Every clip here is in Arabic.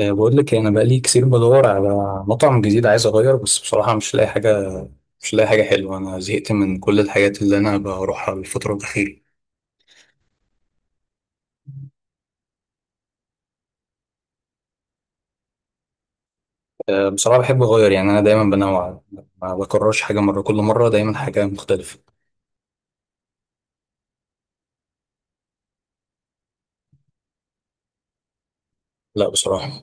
بقول لك إيه، انا بقالي كتير بدور على مطعم جديد عايز اغير، بس بصراحه مش لاقي حاجه، مش لاقي حاجه حلوه. انا زهقت من كل الحاجات اللي انا بروحها الفتره الاخيره. بصراحه بحب اغير، يعني انا دايما بنوع، ما بكررش حاجه مره، كل مره دايما حاجه مختلفه. لا بصراحه.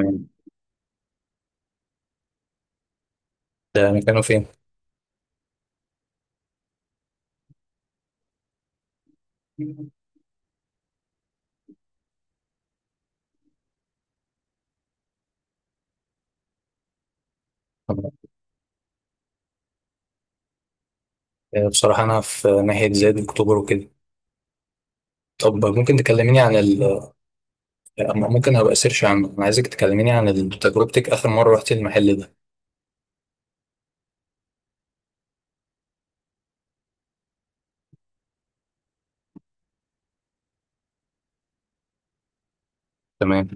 يعني ده مكانه فين؟ بصراحه انا في ناحيه زايد اكتوبر وكده. طب ممكن تكلميني عن ال ممكن هبقى سيرش عنه. انا عايزك تكلميني عن تجربتك اخر مره رحت المحل ده. تمام.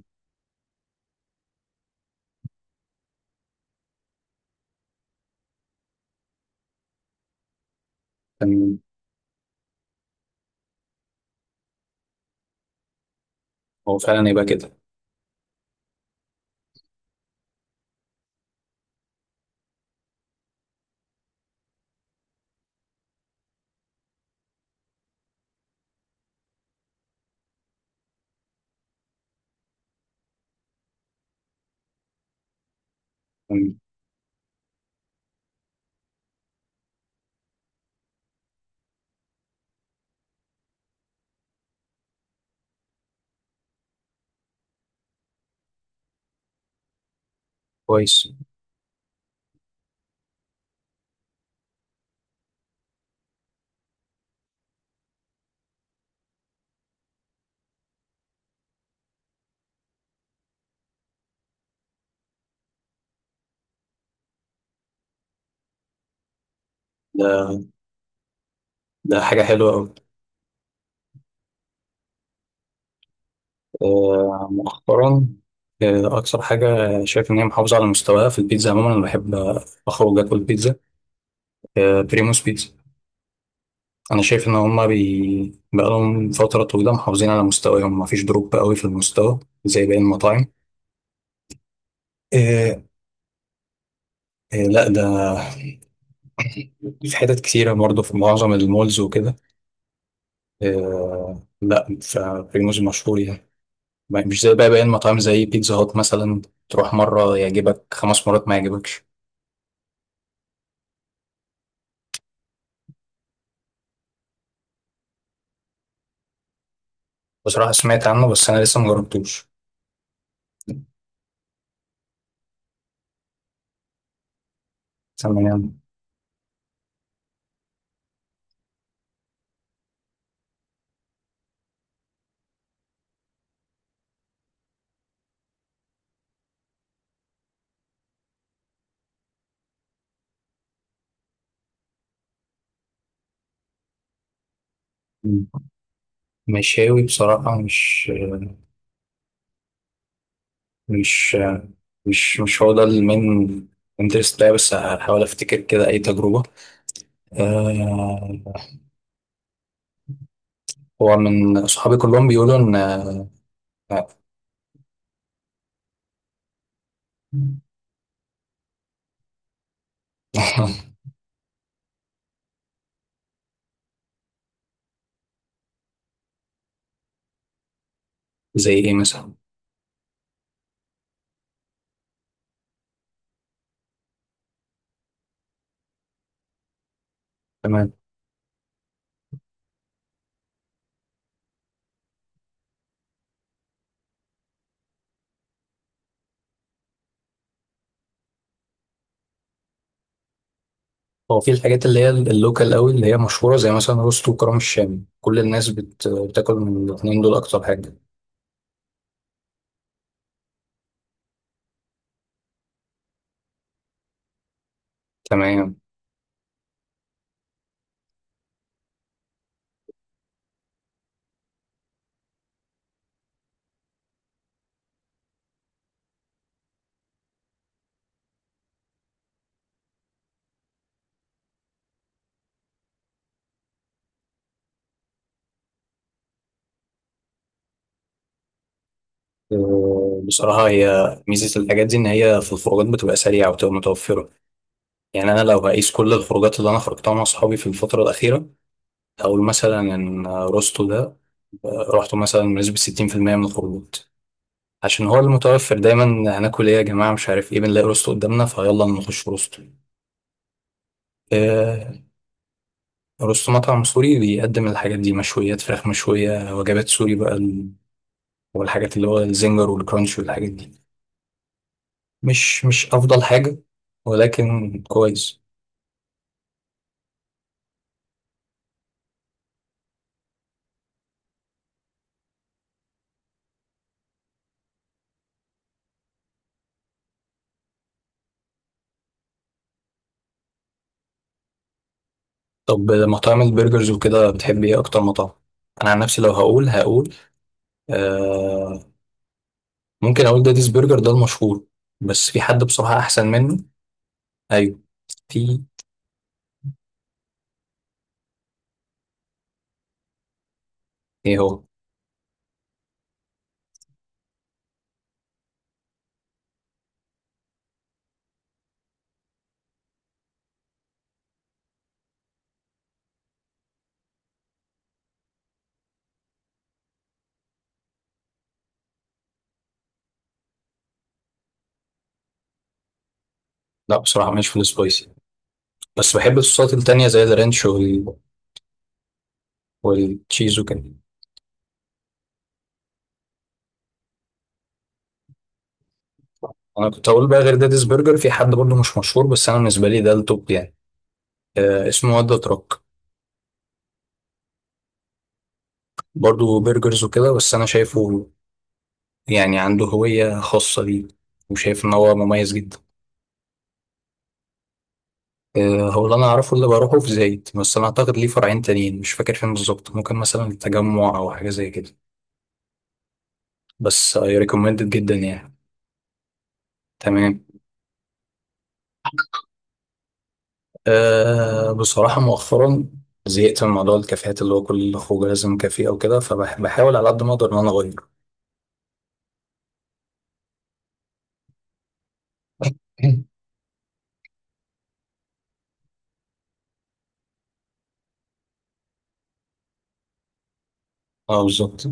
تمام. هو فعلا يبقى كده. كويس. ده، ده حاجة حلوة أوي. آه، مؤخرا. آه، أكثر حاجة شايف إن هي محافظة على مستواها في البيتزا. عموما أنا بحب أخرج آكل بيتزا. آه، بريموس بيتزا. أنا شايف إن هما بقالهم فترة طويلة محافظين على مستواهم، مفيش دروب قوي في المستوى زي باقي المطاعم. آه، آه، لا ده في حتت كتيرة برضه، في معظم المولز وكده. آه، لا فبريموس مشهور يعني، مش زي بقى باقي المطاعم زي بيتزا هات مثلا. تروح مرة يعجبك، خمس مرات ما يعجبكش. بصراحة سمعت عنه بس أنا لسه مجربتوش. تمام. مشاوي بصراحة مش مش مش هو ده المين انترست بتاعي، بس هحاول أفتكر كده أي تجربة. آه، هو من صحابي كلهم بيقولوا إن آه، زي إيه مثلا؟ تمام. هو في الحاجات اللي هي اللوكال قوي، اللي هي مشهورة زي مثلا روستو وكرم الشام، كل الناس بتاكل من الاتنين دول أكتر حاجة. تمام. بصراحة هي ميزة الحاجات دي إن هي في الخروجات بتبقى سريعة وبتبقى متوفرة. يعني أنا لو هقيس كل الخروجات اللي أنا خرجتها مع صحابي في الفترة الأخيرة، هقول مثلا إن روستو ده، آه، روحته مثلا بنسبة 60% من الخروجات، عشان هو المتوفر دايما. هناكل إيه يا جماعة؟ مش عارف إيه، بنلاقي روستو قدامنا فيلا نخش روستو. آه، روستو مطعم سوري بيقدم الحاجات دي، مشويات، فراخ مشوية، وجبات سوري بقى والحاجات اللي هو الزنجر والكرانش والحاجات دي. مش أفضل حاجة ولكن كويس. طب مطاعم البرجرز وكده بتحب ايه اكتر مطعم؟ انا عن نفسي لو هقول، هقول آه، ممكن اقول داديز برجر ده المشهور، بس في حد بصراحة احسن منه. ايوه. في ايه هو؟ لا بصراحة مش في السبايسي، بس بحب الصوصات التانية زي الرانش وال... والتشيز وكده. انا كنت هقول بقى غير داديز برجر في حد برضه مش مشهور بس انا بالنسبة لي ده التوب يعني. آه اسمه ودا تراك. برضه برجرز وكده، بس انا شايفه يعني عنده هوية خاصة ليه، وشايف ان هو مميز جدا. آه، هو اللي انا اعرفه اللي بروحه في زايد، بس انا اعتقد ليه فرعين تانيين مش فاكر فين بالظبط، ممكن مثلا التجمع او حاجه زي كده. بس اي ريكومندد جدا يعني. تمام. أه بصراحه مؤخرا زهقت من موضوع الكافيهات، اللي هو كل خروج لازم كافيه او كده، فبحاول على قد ما اقدر ان انا اغير. اه بالظبط.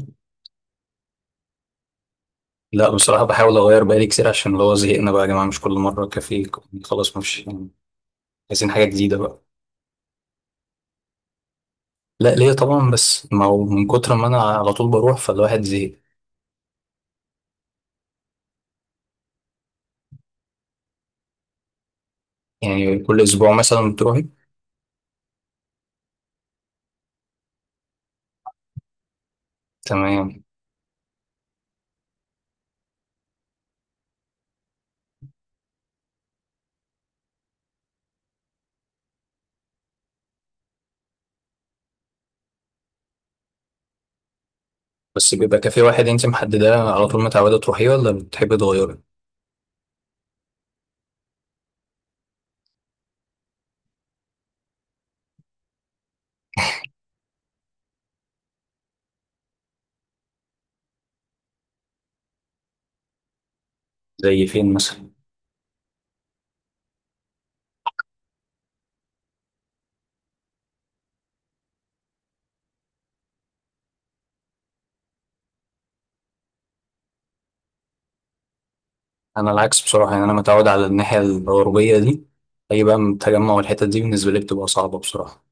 لا بصراحه بحاول اغير بقالي كتير، عشان اللي هو زهقنا بقى يا جماعه، مش كل مره كافيه، خلاص، مش عايزين حاجه جديده بقى. لا ليه طبعا، بس ما هو من كتر ما انا على طول بروح فالواحد زهق. يعني كل اسبوع مثلا بتروحي؟ تمام. بس بيبقى كافيه واحد انت محدده على طول متعوده تروحيه، ولا بتحبي تغيري؟ زي فين مثلا؟ انا العكس بصراحه، يعني انا متعود على الناحيه الغربيه دي، اي بقى من التجمع والحتت دي بالنسبه لي بتبقى صعبه بصراحه.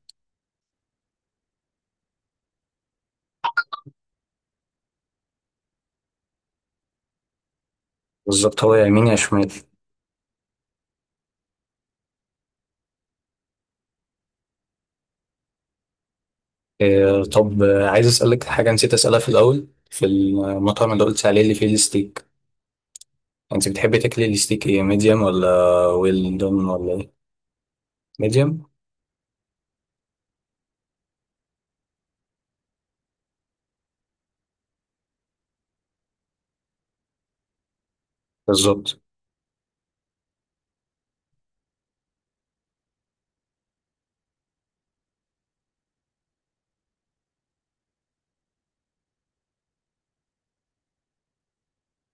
بالظبط، هو يا يمين يا شمال. إيه طب آه، عايز اسالك حاجه نسيت اسالها في الاول، في المطعم اللي قلت عليه اللي فيه الستيك، انت بتحبي تاكلي الستيك ايه، ميديوم ولا ويل دون ولا ايه؟ ميديوم. بالظبط.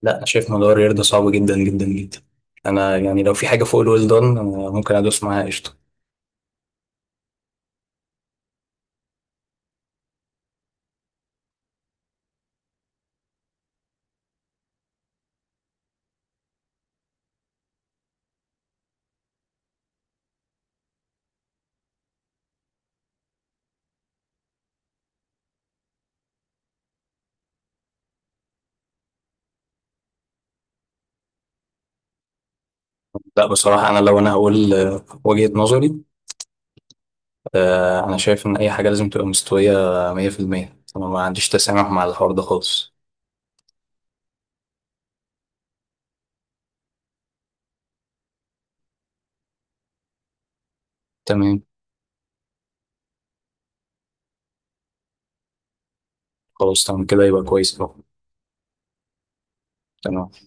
لا أنا شايف موضوع الرياضة ده صعب جدا جدا جدا. أنا يعني لو في حاجة فوق الويل دون أنا ممكن أدوس معاها قشطة. لا بصراحة أنا لو أنا هقول آه، وجهة نظري، آه، أنا شايف إن أي حاجة لازم تبقى مستوية 100%. أنا ما عنديش تسامح مع الحوار ده خالص. تمام. خلاص تمام كده، يبقى كويس أهو. تمام.